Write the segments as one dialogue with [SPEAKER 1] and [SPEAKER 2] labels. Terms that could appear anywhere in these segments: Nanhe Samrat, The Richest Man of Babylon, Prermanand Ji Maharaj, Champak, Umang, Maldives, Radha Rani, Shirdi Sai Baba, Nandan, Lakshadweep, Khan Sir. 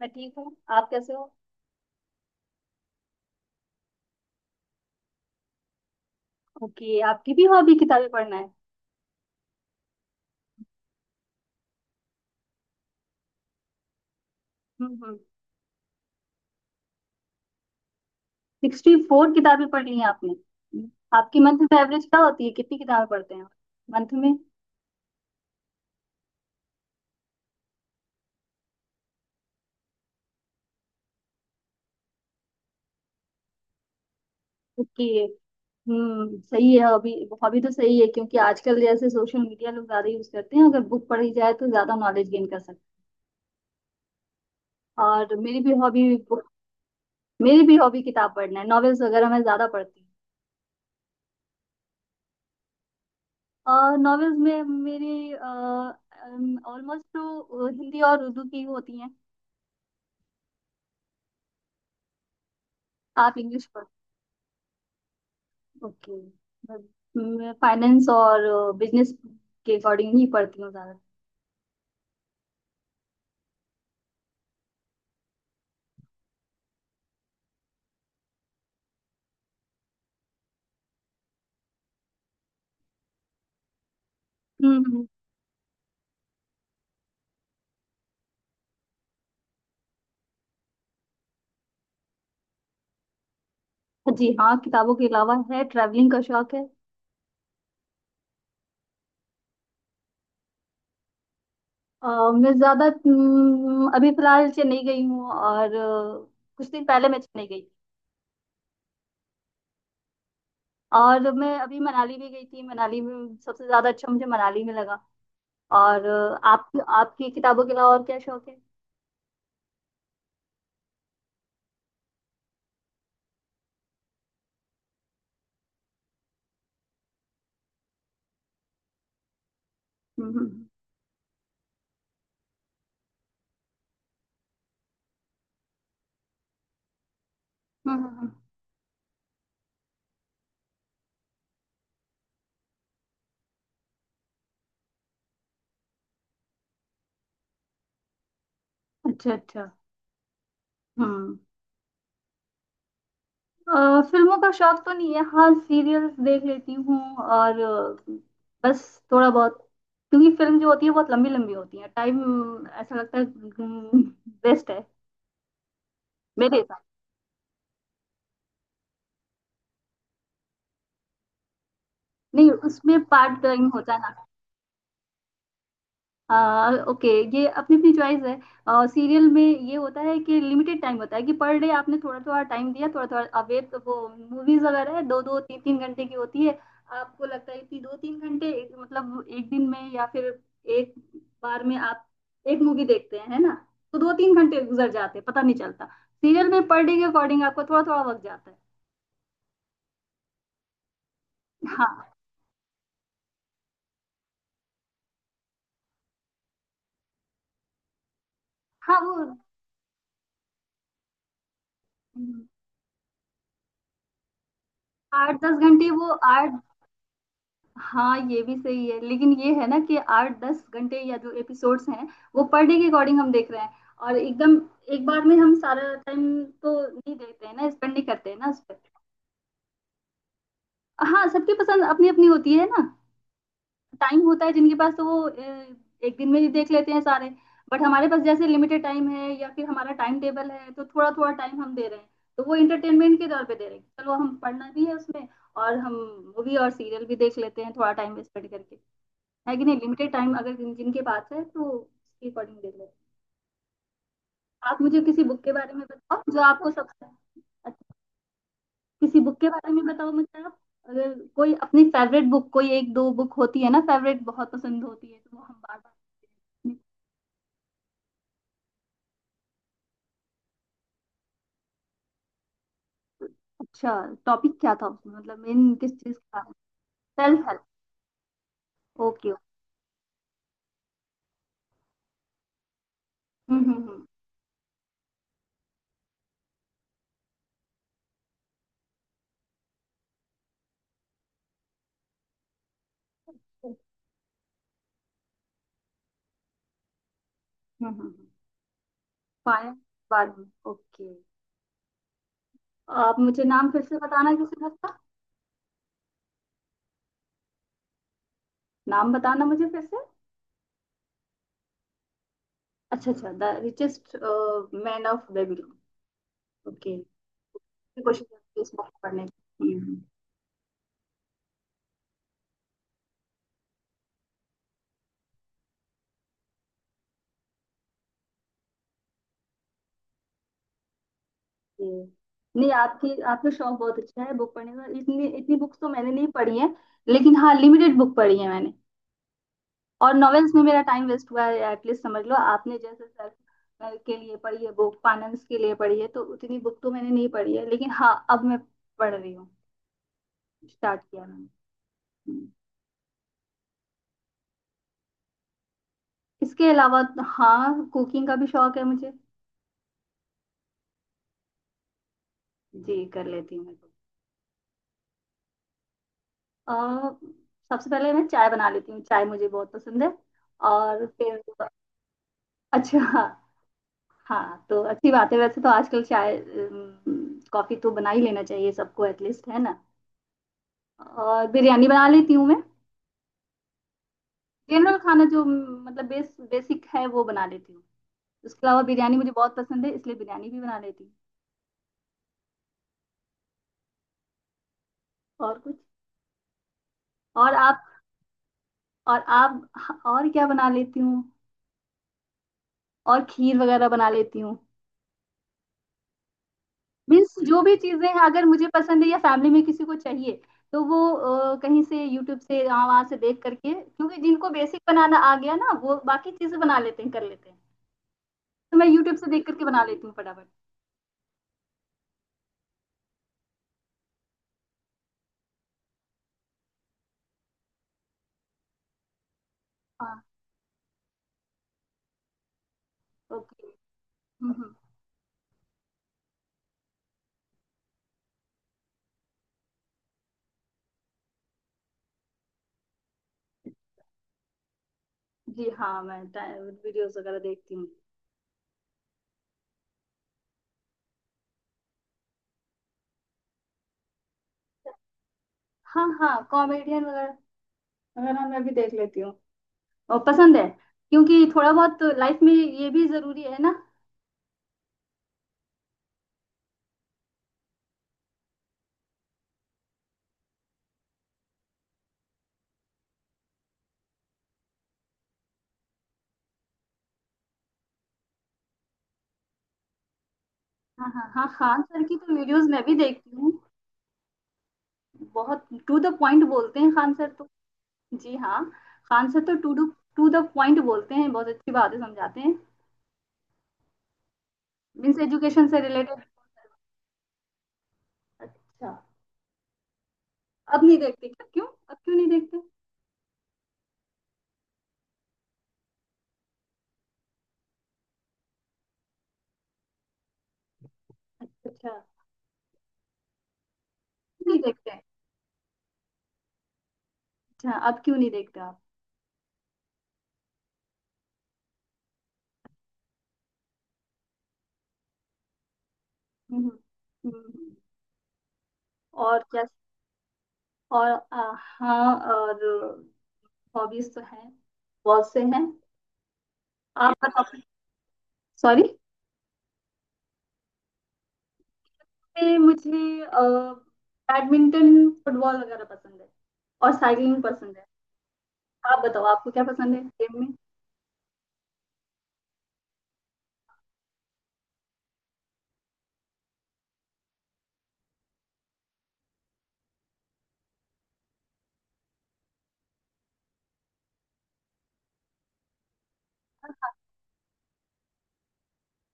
[SPEAKER 1] मैं ठीक हूँ। आप कैसे हो? ओके, आपकी भी हॉबी किताबें पढ़ना है? हम्म हम्म। 64 किताबें पढ़ ली हैं आपने? हम्म। आपकी मंथ में एवरेज क्या होती है, कितनी किताबें पढ़ते हैं मंथ में? ओके। हम्म, सही है हॉबी। हॉबी तो सही है क्योंकि आजकल जैसे सोशल मीडिया लोग ज्यादा यूज करते हैं, अगर बुक पढ़ी जाए तो ज्यादा नॉलेज गेन कर सकते हैं। और मेरी भी हॉबी किताब पढ़ना है, नॉवेल्स वगैरह मैं ज्यादा पढ़ती हूँ। और नॉवेल्स में मेरी ऑलमोस्ट तो हिंदी और उर्दू की होती हैं। आप इंग्लिश पढ़। ओके। मैं फाइनेंस और बिजनेस के अकॉर्डिंग ही पढ़ती हूँ ज़्यादा। हम्म हम्म। जी हाँ, किताबों के अलावा है ट्रैवलिंग का शौक है। अ, मैं ज़्यादा अभी फिलहाल चेन्नई गई हूँ और कुछ दिन पहले मैं चेन्नई गई। और मैं अभी मनाली भी गई थी, मनाली में सबसे ज़्यादा अच्छा मुझे मनाली में लगा। और आप आपकी किताबों के अलावा और क्या शौक है? हम्म हम्म हम्म, हम्म, हम्म। अच्छा अच्छा। हम्म। फिल्मों का शौक तो नहीं है। हाँ, सीरियल्स देख लेती हूँ और बस थोड़ा बहुत। क्योंकि फिल्म जो होती है बहुत लंबी लंबी होती है, टाइम ऐसा लगता है वेस्ट है मेरे हिसाब से। नहीं, उसमें पार्ट टाइम होता है ना। ओके, ये अपनी अपनी चॉइस है। सीरियल में ये होता है कि लिमिटेड टाइम होता है, कि पर डे आपने थोड़ा थोड़ा टाइम दिया थोड़ा थोड़ा, अब ये तो वो मूवीज वगैरह है, दो दो तीन तीन घंटे की होती है। आपको लगता है कि दो तीन घंटे मतलब एक दिन में या फिर एक बार में आप एक मूवी देखते हैं, है ना? तो दो तीन घंटे गुजर जाते हैं पता नहीं चलता। सीरियल में पर डे के अकॉर्डिंग आपको थोड़ा थोड़ा वक्त जाता है। हाँ हाँ, वो आठ दस घंटे वो आठ। हाँ, ये भी सही है, लेकिन ये है ना कि आठ दस घंटे या जो एपिसोड्स हैं, वो पर डे के अकॉर्डिंग हम देख रहे हैं। और एकदम एक बार में हम सारा टाइम तो नहीं देखते हैं ना, स्पेंड नहीं करते हैं ना उस पर। हाँ, सबकी पसंद अपनी अपनी होती है ना। टाइम होता है जिनके पास, तो वो एक दिन में ही देख लेते हैं सारे। बट हमारे पास जैसे लिमिटेड टाइम है या फिर हमारा टाइम टेबल है, तो थोड़ा थोड़ा टाइम हम दे रहे हैं। तो वो इंटरटेनमेंट के तौर पे दे रहे हैं, चलो हम पढ़ना भी है उसमें और हम मूवी और सीरियल भी देख लेते हैं थोड़ा टाइम स्पेंड करके। है कि नहीं, लिमिटेड टाइम अगर जिन जिनके पास है तो उसके अकॉर्डिंग देख लेते हैं। आप मुझे किसी बुक के बारे में बताओ जो आपको सबसे अच्छा। किसी बुक के बारे में बताओ मुझे आप। अगर कोई अपनी फेवरेट बुक, कोई एक दो बुक होती है ना, फेवरेट बहुत पसंद होती है, तो वो हम बार बार। अच्छा, टॉपिक क्या था उसमें मतलब मेन किस चीज का? Self help. ओके। हम्म हम्म हम्म। फाइनेंस बारे में। ओके। आप मुझे नाम फिर से बताना किसी बुक का। नाम बताना मुझे फिर से। अच्छा अच्छा, the richest man of Babylon. Okay. कोशिश करती हूँ इस book को पढ़ने की। हम्म। ये नहीं, आपकी आपका शौक बहुत अच्छा है बुक पढ़ने का, इतनी इतनी बुक्स तो मैंने नहीं पढ़ी है। लेकिन हाँ लिमिटेड बुक पढ़ी है मैंने। और नॉवेल्स में मेरा टाइम वेस्ट हुआ है एटलीस्ट, समझ लो आपने जैसे सर के लिए पढ़ी है बुक, फाइनेंस के लिए पढ़ी है, तो उतनी बुक तो मैंने नहीं पढ़ी है, लेकिन हाँ अब मैं पढ़ रही हूँ। स्टार्ट किया मैंने। हम्म। इसके अलावा हाँ कुकिंग का भी शौक है मुझे। जी कर लेती हूँ मैं। अ, सबसे पहले मैं चाय बना लेती हूँ, चाय मुझे बहुत पसंद है। और फिर। अच्छा। हाँ तो अच्छी बात है, वैसे तो आजकल चाय कॉफी तो बना ही लेना चाहिए सबको एटलीस्ट, है ना? और बिरयानी बना लेती हूँ मैं। जनरल खाना जो मतलब बेसिक है वो बना लेती हूँ। उसके अलावा बिरयानी मुझे बहुत पसंद है, इसलिए बिरयानी भी बना लेती हूँ। और कुछ। और आप। और आप और क्या बना लेती हूँ। और खीर वगैरह बना लेती हूँ। मीन्स जो भी चीजें हैं, अगर मुझे पसंद है या फैमिली में किसी को चाहिए, तो वो कहीं से यूट्यूब से यहाँ वहां से देख करके, क्योंकि जिनको बेसिक बनाना आ गया ना, वो बाकी चीजें बना लेते हैं कर लेते हैं। तो मैं यूट्यूब से देख करके बना लेती हूँ फटाफट। हाँ। ओके। हम्म हम्म। जी हाँ, मैं वीडियोस वगैरह देखती हूँ। हाँ हाँ, कॉमेडियन वगैरह वगैरह मैं भी देख लेती हूँ और पसंद है। क्योंकि थोड़ा बहुत लाइफ में ये भी जरूरी है ना। हाँ हाँ हाँ, खान सर की तो वीडियोस मैं भी देखती हूँ। बहुत टू द पॉइंट बोलते हैं खान सर तो। जी हाँ, खान सर तो टू द पॉइंट बोलते हैं, बहुत अच्छी बातें समझाते हैं। मीन्स एजुकेशन से रिलेटेड। अच्छा। अब नहीं देखते क्या? क्यों अब क्यों नहीं देखते? अच्छा अच्छा। नहीं देखते? अच्छा, अब क्यों नहीं देखते आप? हम्म हम्म, हम्म। और क्या? और हाँ और हॉबीज तो हैं, बहुत से हैं। आप बताओ। सॉरी। मुझे मुझे, बैडमिंटन फुटबॉल वगैरह पसंद है। और साइकिलिंग पसंद है। आप बताओ आपको क्या पसंद है गेम में।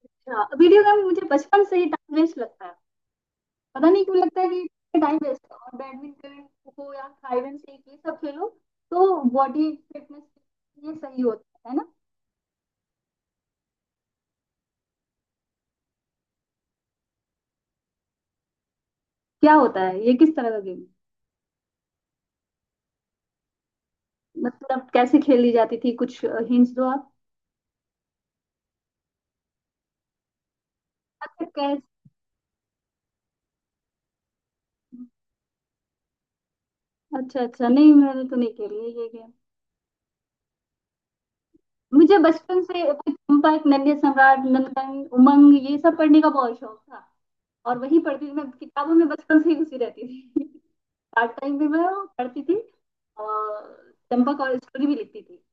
[SPEAKER 1] अच्छा, वीडियो गेम मुझे बचपन से ही टाइम वेस्ट लगता है। पता नहीं क्यों लगता है कि टाइम वेस्ट है, और बैडमिंटन खो खो या हाइड सीक ये सब खेलो तो बॉडी फिटनेस ये सही होता है ना। क्या होता है ये, किस तरह का गेम? मतलब कैसे खेली जाती थी, कुछ हिंट्स दो आप। अच्छा कैसे? अच्छा अच्छा, नहीं मैंने तो नहीं खेली है ये गेम। मुझे बचपन से चंपक नन्हे सम्राट नंदन उमंग ये सब पढ़ने का बहुत शौक था। और वहीं पढ़ती थी मैं, किताबों में बचपन से ही घुसी रहती थी। पार्ट टाइम भी मैं पढ़ती थी। और चंपक और स्टोरी भी लिखती थी।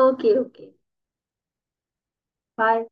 [SPEAKER 1] Okay okay. बाय।